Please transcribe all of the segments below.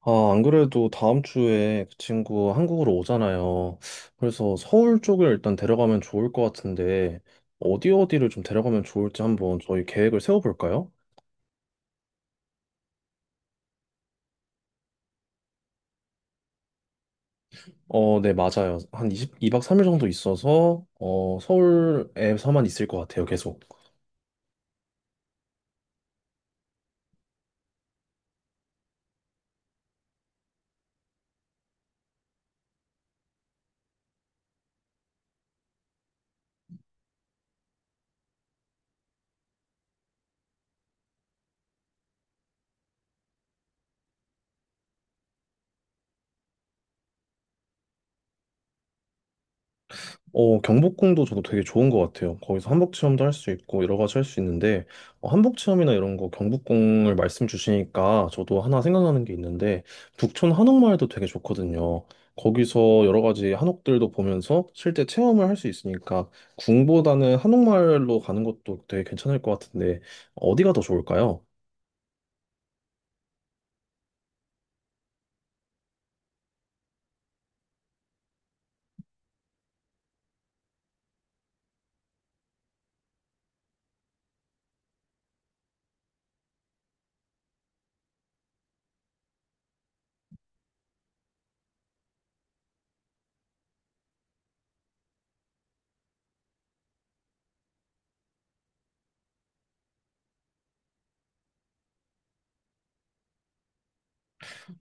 아, 안 그래도 다음 주에 그 친구 한국으로 오잖아요. 그래서 서울 쪽을 일단 데려가면 좋을 것 같은데, 어디 어디를 좀 데려가면 좋을지 한번 저희 계획을 세워볼까요? 네, 맞아요. 한2십이박 3일 정도 있어서, 서울에서만 있을 것 같아요, 계속. 경복궁도 저도 되게 좋은 것 같아요. 거기서 한복 체험도 할 수 있고 여러 가지 할 수 있는데 한복 체험이나 이런 거 경복궁을 말씀 주시니까 저도 하나 생각나는 게 있는데 북촌 한옥마을도 되게 좋거든요. 거기서 여러 가지 한옥들도 보면서 실제 체험을 할 수 있으니까 궁보다는 한옥마을로 가는 것도 되게 괜찮을 것 같은데 어디가 더 좋을까요?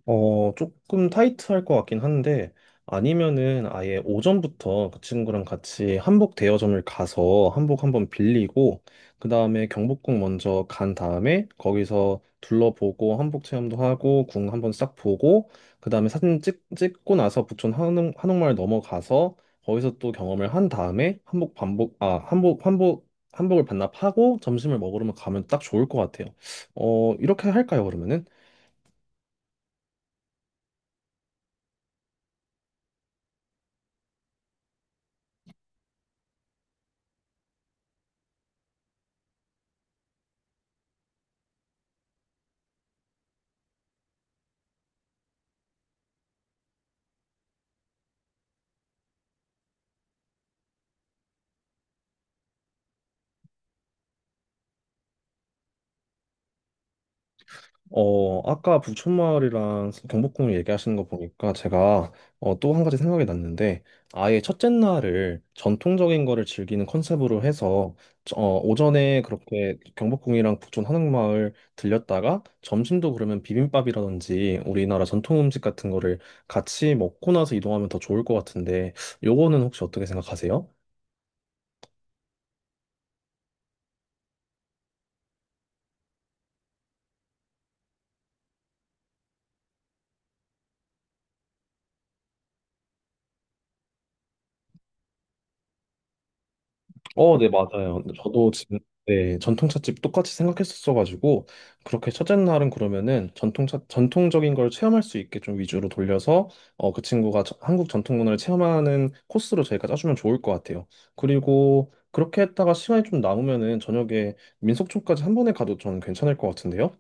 조금 타이트할 것 같긴 한데, 아니면은 아예 오전부터 그 친구랑 같이 한복 대여점을 가서 한복 한번 빌리고, 그 다음에 경복궁 먼저 간 다음에 거기서 둘러보고 한복 체험도 하고, 궁 한번 싹 보고, 그 다음에 사진 찍고 나서 부촌 한옥마을 넘어가서 거기서 또 경험을 한 다음에 한복 반복, 아, 한복, 한복, 한복을 반납하고 점심을 먹으러 가면 딱 좋을 것 같아요. 이렇게 할까요, 그러면은? 아까 부촌마을이랑 경복궁을 얘기하시는 거 보니까 제가 또 한 가지 생각이 났는데 아예 첫째 날을 전통적인 거를 즐기는 컨셉으로 해서 오전에 그렇게 경복궁이랑 부촌 한옥마을 들렸다가 점심도 그러면 비빔밥이라든지 우리나라 전통 음식 같은 거를 같이 먹고 나서 이동하면 더 좋을 것 같은데 요거는 혹시 어떻게 생각하세요? 네, 맞아요. 근데 저도 지금 네, 전통찻집 똑같이 생각했었어가지고 그렇게 첫째 날은 그러면은 전통차 전통적인 걸 체험할 수 있게 좀 위주로 돌려서 그 친구가 한국 전통 문화를 체험하는 코스로 저희가 짜주면 좋을 것 같아요. 그리고 그렇게 했다가 시간이 좀 남으면은 저녁에 민속촌까지 한 번에 가도 저는 괜찮을 것 같은데요.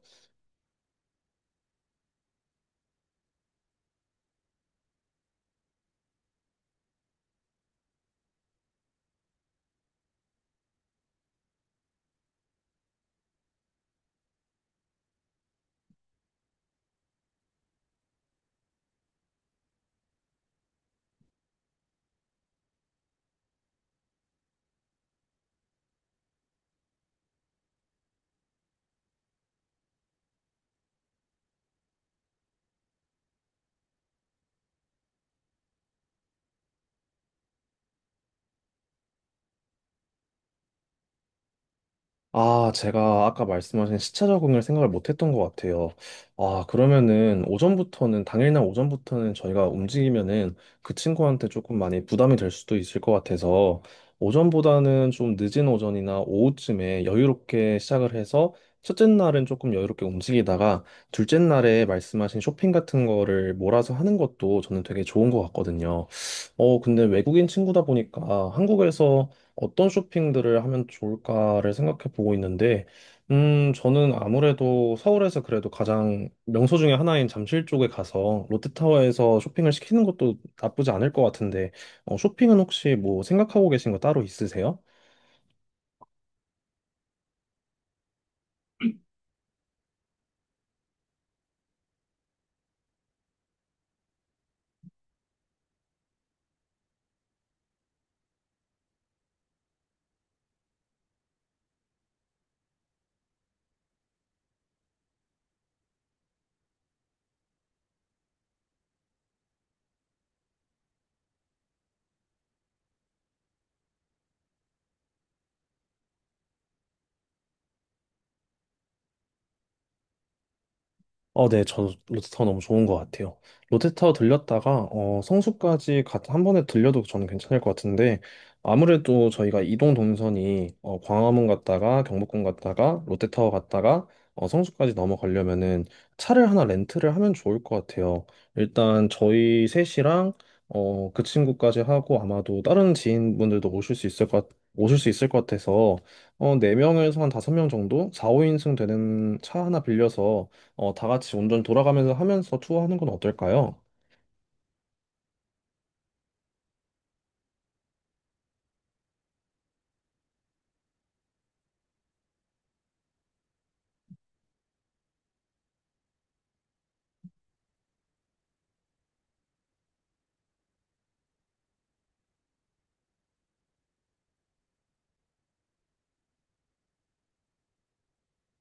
아, 제가 아까 말씀하신 시차 적응을 생각을 못 했던 것 같아요. 아, 그러면은 당일날 오전부터는 저희가 움직이면은 그 친구한테 조금 많이 부담이 될 수도 있을 것 같아서 오전보다는 좀 늦은 오전이나 오후쯤에 여유롭게 시작을 해서 첫째 날은 조금 여유롭게 움직이다가 둘째 날에 말씀하신 쇼핑 같은 거를 몰아서 하는 것도 저는 되게 좋은 것 같거든요. 근데 외국인 친구다 보니까 한국에서 어떤 쇼핑들을 하면 좋을까를 생각해 보고 있는데, 저는 아무래도 서울에서 그래도 가장 명소 중에 하나인 잠실 쪽에 가서 롯데타워에서 쇼핑을 시키는 것도 나쁘지 않을 것 같은데, 쇼핑은 혹시 뭐 생각하고 계신 거 따로 있으세요? 네, 저 롯데타워 너무 좋은 것 같아요. 롯데타워 들렸다가 어, 성수까지 한 번에 들려도 저는 괜찮을 것 같은데 아무래도 저희가 이동 동선이 어, 광화문 갔다가 경복궁 갔다가 롯데타워 갔다가 성수까지 넘어가려면은 차를 하나 렌트를 하면 좋을 것 같아요. 일단 저희 셋이랑 어, 그 친구까지 하고 아마도 다른 지인분들도 오실 수 있을 것 같아서 어, 4명에서 한 5명 정도 4, 5인승 되는 차 하나 빌려서 다 같이 운전 돌아가면서 하면서 투어하는 건 어떨까요?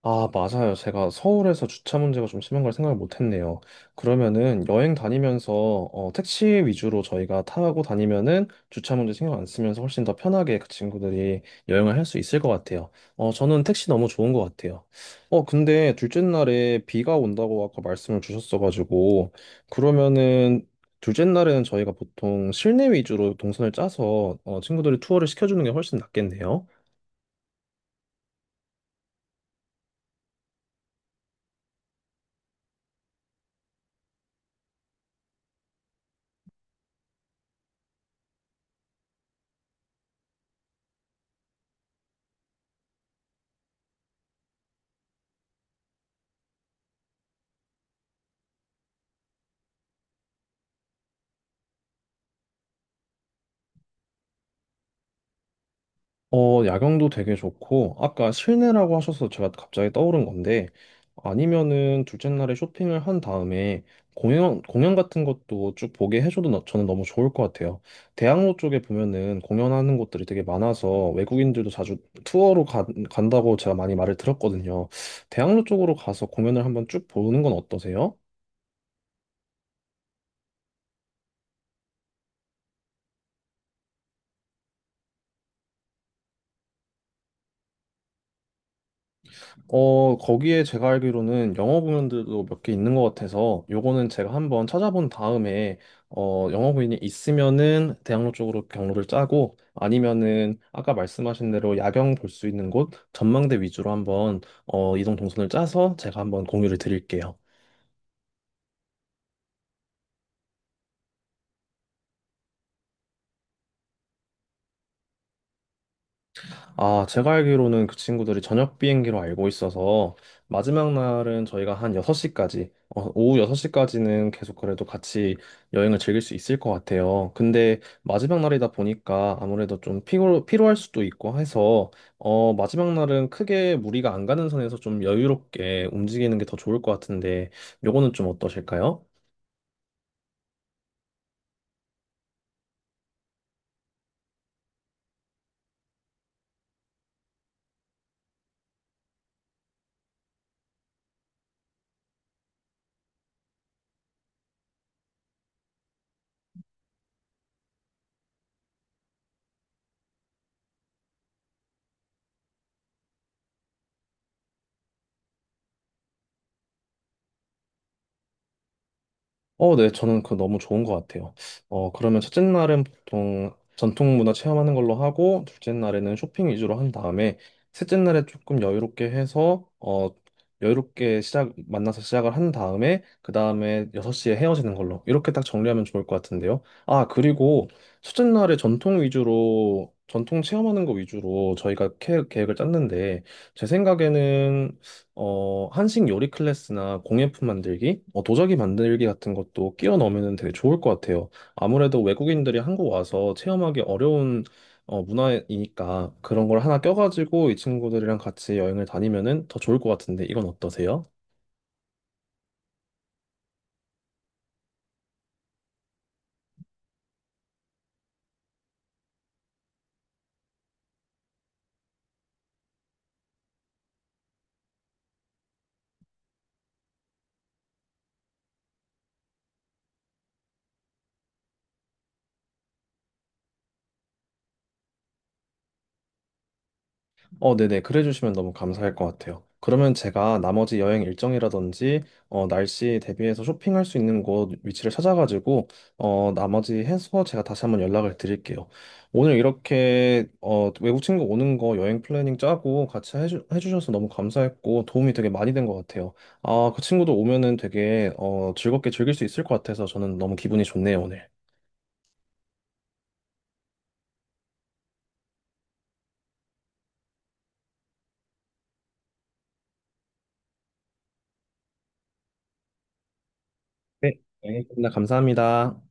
아, 맞아요. 제가 서울에서 주차 문제가 좀 심한 걸 생각을 못 했네요. 그러면은 여행 다니면서 어, 택시 위주로 저희가 타고 다니면은 주차 문제 신경 안 쓰면서 훨씬 더 편하게 그 친구들이 여행을 할 수 있을 것 같아요. 저는 택시 너무 좋은 것 같아요. 근데 둘째 날에 비가 온다고 아까 말씀을 주셨어가지고 그러면은 둘째 날에는 저희가 보통 실내 위주로 동선을 짜서 어, 친구들이 투어를 시켜주는 게 훨씬 낫겠네요. 야경도 되게 좋고, 아까 실내라고 하셔서 제가 갑자기 떠오른 건데, 아니면은 둘째 날에 쇼핑을 한 다음에 공연 같은 것도 쭉 보게 해줘도 저는 너무 좋을 것 같아요. 대학로 쪽에 보면은 공연하는 곳들이 되게 많아서 외국인들도 자주 투어로 간다고 제가 많이 말을 들었거든요. 대학로 쪽으로 가서 공연을 한번 쭉 보는 건 어떠세요? 거기에 제가 알기로는 영어 공연들도 몇 개 있는 것 같아서 요거는 제가 한번 찾아본 다음에 영어 공연이 있으면은 대학로 쪽으로 경로를 짜고 아니면은 아까 말씀하신 대로 야경 볼 수 있는 곳 전망대 위주로 한번 이동 동선을 짜서 제가 한번 공유를 드릴게요. 아, 제가 알기로는 그 친구들이 저녁 비행기로 알고 있어서 마지막 날은 저희가 한 6시까지, 어, 오후 6시까지는 계속 그래도 같이 여행을 즐길 수 있을 것 같아요. 근데 마지막 날이다 보니까 아무래도 좀 피로할 수도 있고 해서 마지막 날은 크게 무리가 안 가는 선에서 좀 여유롭게 움직이는 게 더 좋을 것 같은데 요거는 좀 어떠실까요? 네, 저는 그거 너무 좋은 것 같아요. 그러면 첫째 날은 보통 전통 문화 체험하는 걸로 하고, 둘째 날에는 쇼핑 위주로 한 다음에, 셋째 날에 조금 여유롭게 해서, 여유롭게 만나서 시작을 한 다음에, 그 다음에 6시에 헤어지는 걸로. 이렇게 딱 정리하면 좋을 것 같은데요. 아, 그리고 첫째 날에 전통 위주로, 전통 체험하는 거 위주로 저희가 계획을 짰는데, 제 생각에는 한식 요리 클래스나 공예품 만들기, 도자기 만들기 같은 것도 끼워 넣으면 되게 좋을 것 같아요. 아무래도 외국인들이 한국 와서 체험하기 어려운 문화이니까 그런 걸 하나 껴가지고 이 친구들이랑 같이 여행을 다니면은 더 좋을 것 같은데 이건 어떠세요? 어, 네네. 그래 주시면 너무 감사할 것 같아요. 그러면 제가 나머지 여행 일정이라든지 날씨 대비해서 쇼핑할 수 있는 곳 위치를 찾아가지고 나머지 해서 제가 다시 한번 연락을 드릴게요. 오늘 이렇게 어, 외국 친구 오는 거 여행 플래닝 짜고 같이 해주셔서 너무 감사했고 도움이 되게 많이 된 것 같아요. 아, 그 친구도 오면은 되게 어, 즐겁게 즐길 수 있을 것 같아서 저는 너무 기분이 좋네요, 오늘. 네, 여행 끝나 감사합니다.